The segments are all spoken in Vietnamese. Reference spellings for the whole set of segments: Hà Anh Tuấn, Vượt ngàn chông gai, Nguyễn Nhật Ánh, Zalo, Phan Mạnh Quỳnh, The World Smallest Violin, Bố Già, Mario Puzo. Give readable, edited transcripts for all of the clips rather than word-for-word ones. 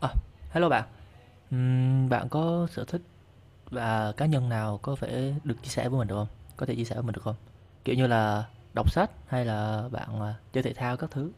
Ờ, Hello bạn. Bạn có sở thích và cá nhân nào có thể được chia sẻ với mình được không? Có thể chia sẻ với mình được không? Kiểu như là đọc sách hay là bạn chơi thể thao các thứ?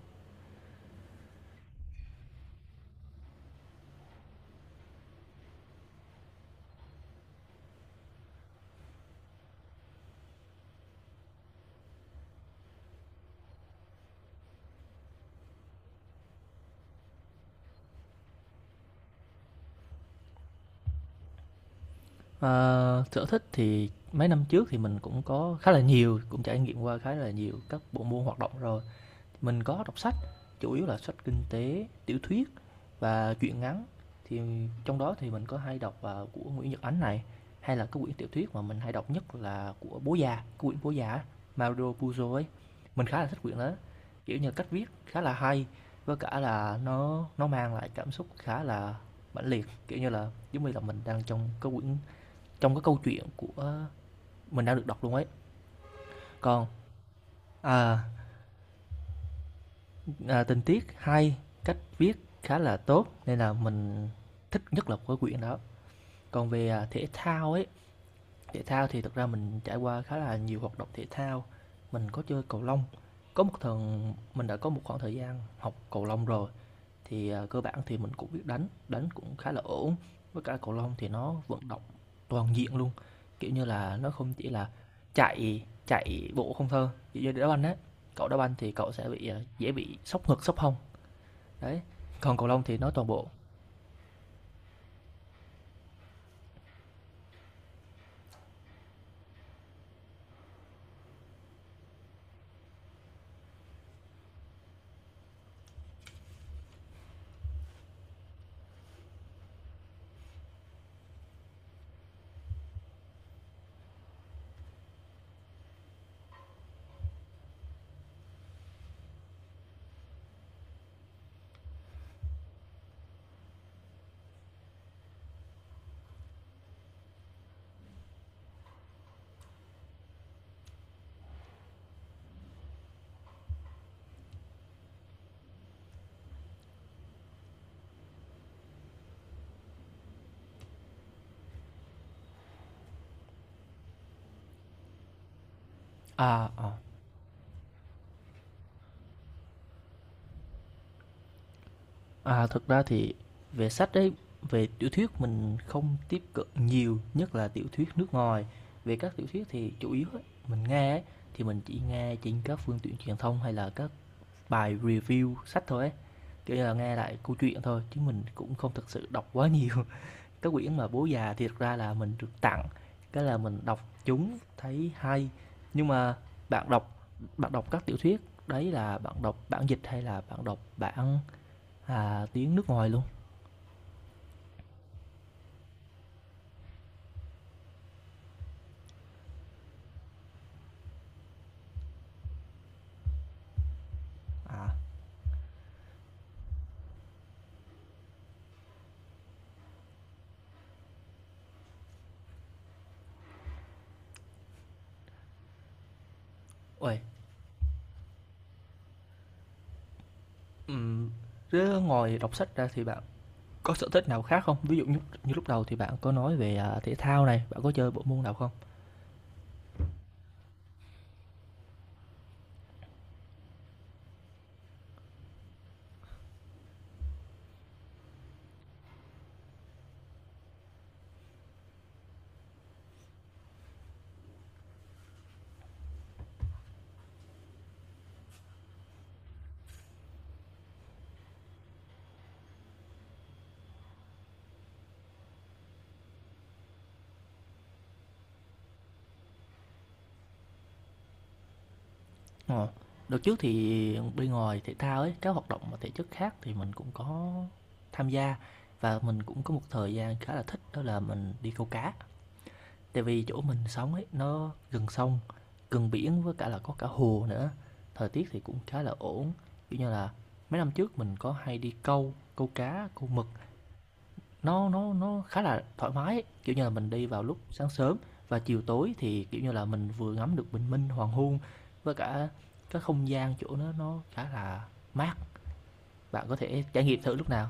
Ờ, Sở thích thì mấy năm trước thì mình cũng có khá là nhiều, cũng trải nghiệm qua khá là nhiều các bộ môn hoạt động rồi. Mình có đọc sách, chủ yếu là sách kinh tế, tiểu thuyết và truyện ngắn. Thì trong đó thì mình có hay đọc của Nguyễn Nhật Ánh này, hay là cái quyển tiểu thuyết mà mình hay đọc nhất là của Bố Già, quyển Bố Già á, Mario Puzo ấy. Mình khá là thích quyển đó, kiểu như, cách viết khá là hay, với cả là nó mang lại cảm xúc khá là mãnh liệt, kiểu như là, giống như là mình đang trong cái quyển trong cái câu chuyện của mình đang được đọc luôn ấy. Còn, à, Tình tiết hay, cách viết khá là tốt nên là mình thích nhất là cái quyển đó. Còn về thể thao ấy, thể thao thì thực ra mình trải qua khá là nhiều hoạt động thể thao. Mình có chơi cầu lông, có một thần mình đã có một khoảng thời gian học cầu lông rồi, thì cơ bản thì mình cũng biết đánh, đánh cũng khá là ổn. Với cả cầu lông thì nó vận động toàn diện luôn, kiểu như là, nó không chỉ là chạy chạy bộ không thôi, kiểu như đá banh á, cậu đá banh thì cậu sẽ dễ bị sốc ngực, sốc hông. Đấy, còn cầu lông thì nói toàn bộ. À, ờ. Thực ra thì về sách đấy, về tiểu thuyết mình không tiếp cận nhiều, nhất là tiểu thuyết nước ngoài. Về các tiểu thuyết thì chủ yếu ấy, mình nghe ấy, thì mình chỉ nghe trên các phương tiện truyền thông hay là các bài review sách thôi ấy. Kiểu như là nghe lại câu chuyện thôi chứ mình cũng không thực sự đọc quá nhiều. Cái quyển mà Bố Già thì thực ra là mình được tặng, cái là mình đọc chúng thấy hay. Nhưng mà bạn đọc bạn đọc các tiểu thuyết, đấy là bạn đọc bản dịch hay là bạn đọc bản tiếng nước ngoài luôn? À, uầy, ừm, Thế ngoài đọc sách ra thì bạn có sở thích nào khác không? Ví dụ như như lúc đầu thì bạn có nói về thể thao này, bạn có chơi bộ môn nào không? Ờ, Đợt trước thì bên ngoài thể thao ấy, các hoạt động mà thể chất khác thì mình cũng có tham gia và mình cũng có một thời gian khá là thích đó là mình đi câu cá. Tại vì chỗ mình sống ấy nó gần sông, gần biển với cả là có cả hồ nữa. Thời tiết thì cũng khá là ổn. Kiểu như là mấy năm trước mình có hay đi câu, câu cá, câu mực nó khá là thoải mái, kiểu như là mình đi vào lúc sáng sớm và chiều tối thì, kiểu như là, mình vừa ngắm được bình minh, hoàng hôn với cả cái không gian chỗ nó khá là mát, bạn có thể trải nghiệm thử lúc nào.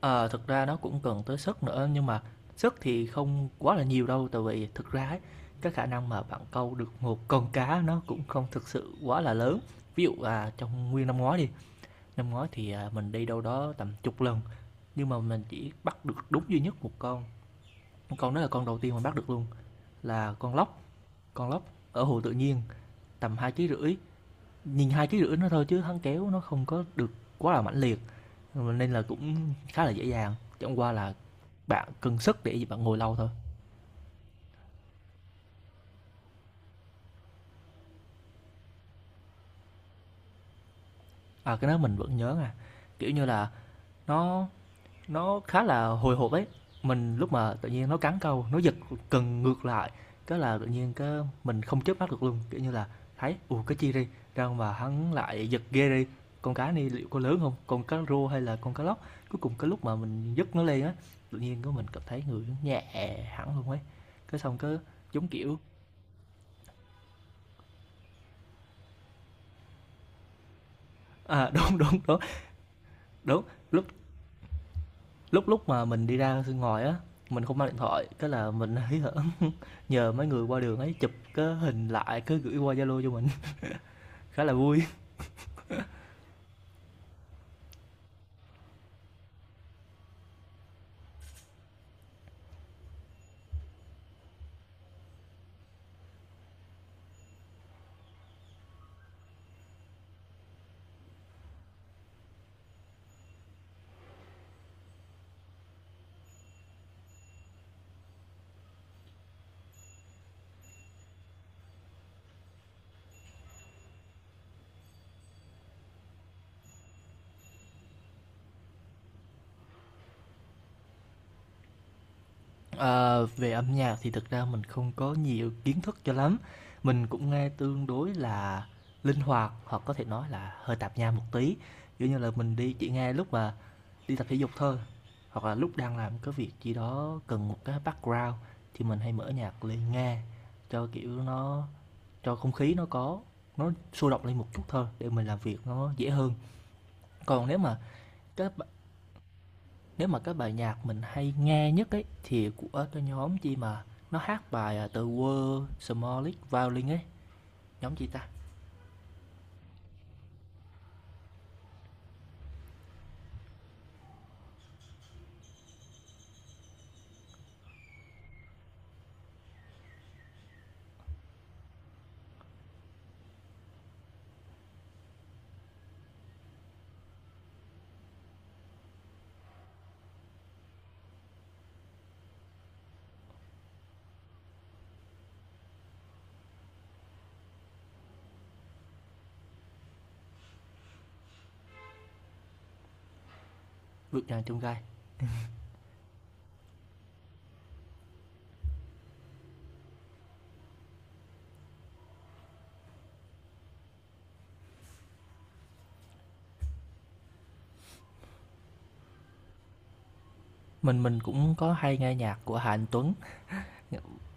Ờ, thực ra nó cũng cần tới sức nữa nhưng mà sức thì không quá là nhiều đâu, tại vì thực ra ấy, cái khả năng mà bạn câu được một con cá nó cũng không thực sự quá là lớn. Trong nguyên năm ngoái đi, năm ngoái thì mình đi đâu đó tầm chục lần, nhưng mà mình chỉ bắt được đúng duy nhất một con đó là con đầu tiên mình bắt được luôn, là con lóc, con lóc ở hồ tự nhiên, tầm hai ký rưỡi. Nhìn hai ký rưỡi nó thôi chứ hắn kéo nó không có được quá là mãnh liệt nên là cũng khá là dễ dàng, chẳng qua là bạn cần sức để bạn ngồi lâu thôi. Cái đó mình vẫn nhớ, kiểu như là nó nó khá là hồi hộp ấy. Mình lúc mà tự nhiên nó cắn câu, nó giật cần ngược lại, cái là tự nhiên cái mình không chớp mắt được luôn, kiểu như là thấy cái chi đi, ra mà hắn lại giật ghê đi, con cá này liệu có lớn không, con cá rô hay là con cá lóc? Cuối cùng cái lúc mà mình dứt nó lên á, tự nhiên cái mình cảm thấy người nhẹ hẳn luôn ấy. Cái xong cái giống kiểu đúng, đúng, đúng, đúng, lúc lúc lúc mà mình đi ra ngoài á, mình không mang điện thoại, cái là mình hí hở nhờ mấy người qua đường ấy chụp cái hình lại cứ gửi qua Zalo cho mình. Khá là vui. Ờ, về âm nhạc thì thực ra mình không có nhiều kiến thức cho lắm, mình cũng nghe tương đối là linh hoạt hoặc có thể nói là hơi tạp nham một tí, kiểu như là mình đi chỉ nghe lúc mà đi tập thể dục thôi hoặc là lúc đang làm cái việc gì đó cần một cái background thì mình hay mở nhạc lên nghe cho kiểu nó cho không khí nó có nó sôi động lên một chút thôi để mình làm việc nó dễ hơn. Còn nếu mà cái Nếu mà cái bài nhạc mình hay nghe nhất ấy thì của cái nhóm chi mà nó hát bài The World Smallest Violin ấy, nhóm chi ta? Vượt ngàn chông gai. Mình cũng có hay nghe nhạc của Hà Anh Tuấn,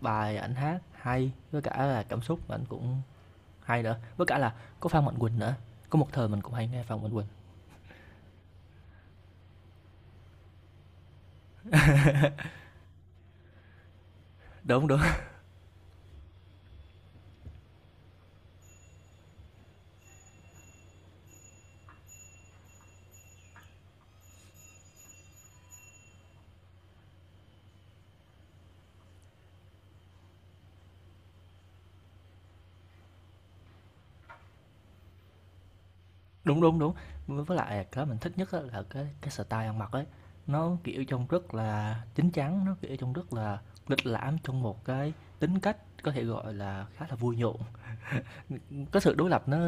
bài ảnh hát hay, với cả là cảm xúc của ảnh cũng hay nữa, với cả là có Phan Mạnh Quỳnh nữa, có một thời mình cũng hay nghe Phan Mạnh Quỳnh. Đúng, đúng. Đúng, đúng, đúng. Với lại cái mình thích nhất á là cái style ăn mặc ấy, nó, kiểu, trông rất là chín chắn, nó, kiểu, trông rất là lịch lãm trong một cái tính cách có thể gọi là khá là vui nhộn. Ừm, cái sự đối lập nó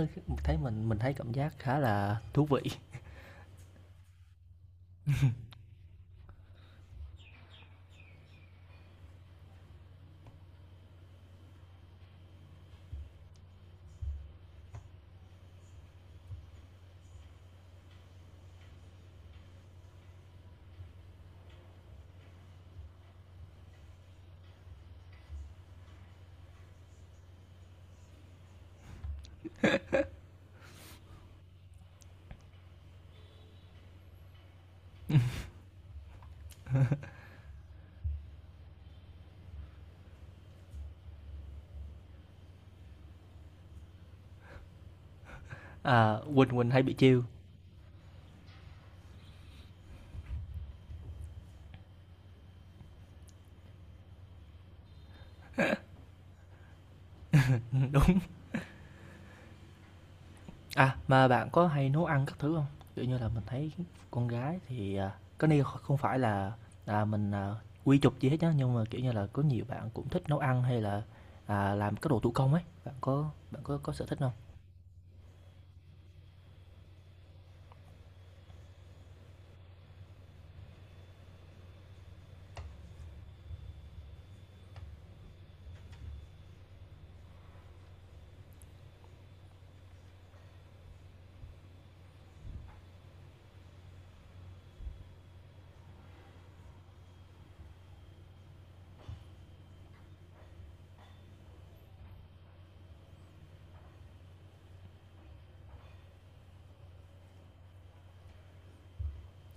thấy mình thấy cảm giác khá là thú vị. À, Quỳnh Quỳnh hay bị chiêu. Đúng. À, mà bạn có hay nấu ăn các thứ không? Kiểu như là, mình thấy con gái thì cái này không phải là, à, mình, à, quy chụp gì hết nhá, nhưng mà, kiểu như là, có nhiều bạn cũng thích nấu ăn hay là làm các đồ thủ công ấy, bạn có có sở thích không?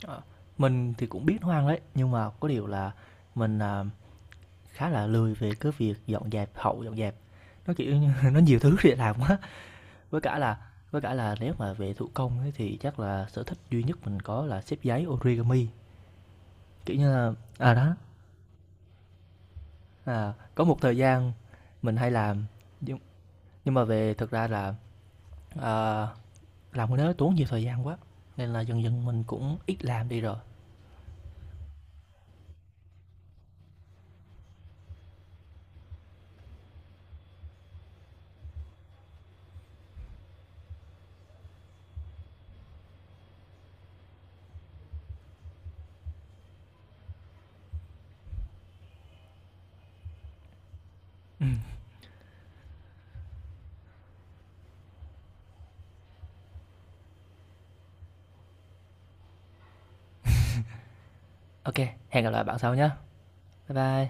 Ờ, mình thì cũng biết nấu ăn đấy, nhưng mà có điều là mình khá là lười về cái việc dọn dẹp, hậu dọn dẹp. Nó, kiểu như, nó nhiều thứ để làm quá, với cả là nếu mà về thủ công ấy thì chắc là sở thích duy nhất mình có là xếp giấy origami. Kiểu như là đó, có một thời gian mình hay làm, nhưng nhưng mà về thực ra là, ờ, làm cái đó tốn nhiều thời gian quá, nên là dần dần mình cũng ít làm đi rồi. Ok, hẹn gặp lại bạn sau nhé. Bye bye.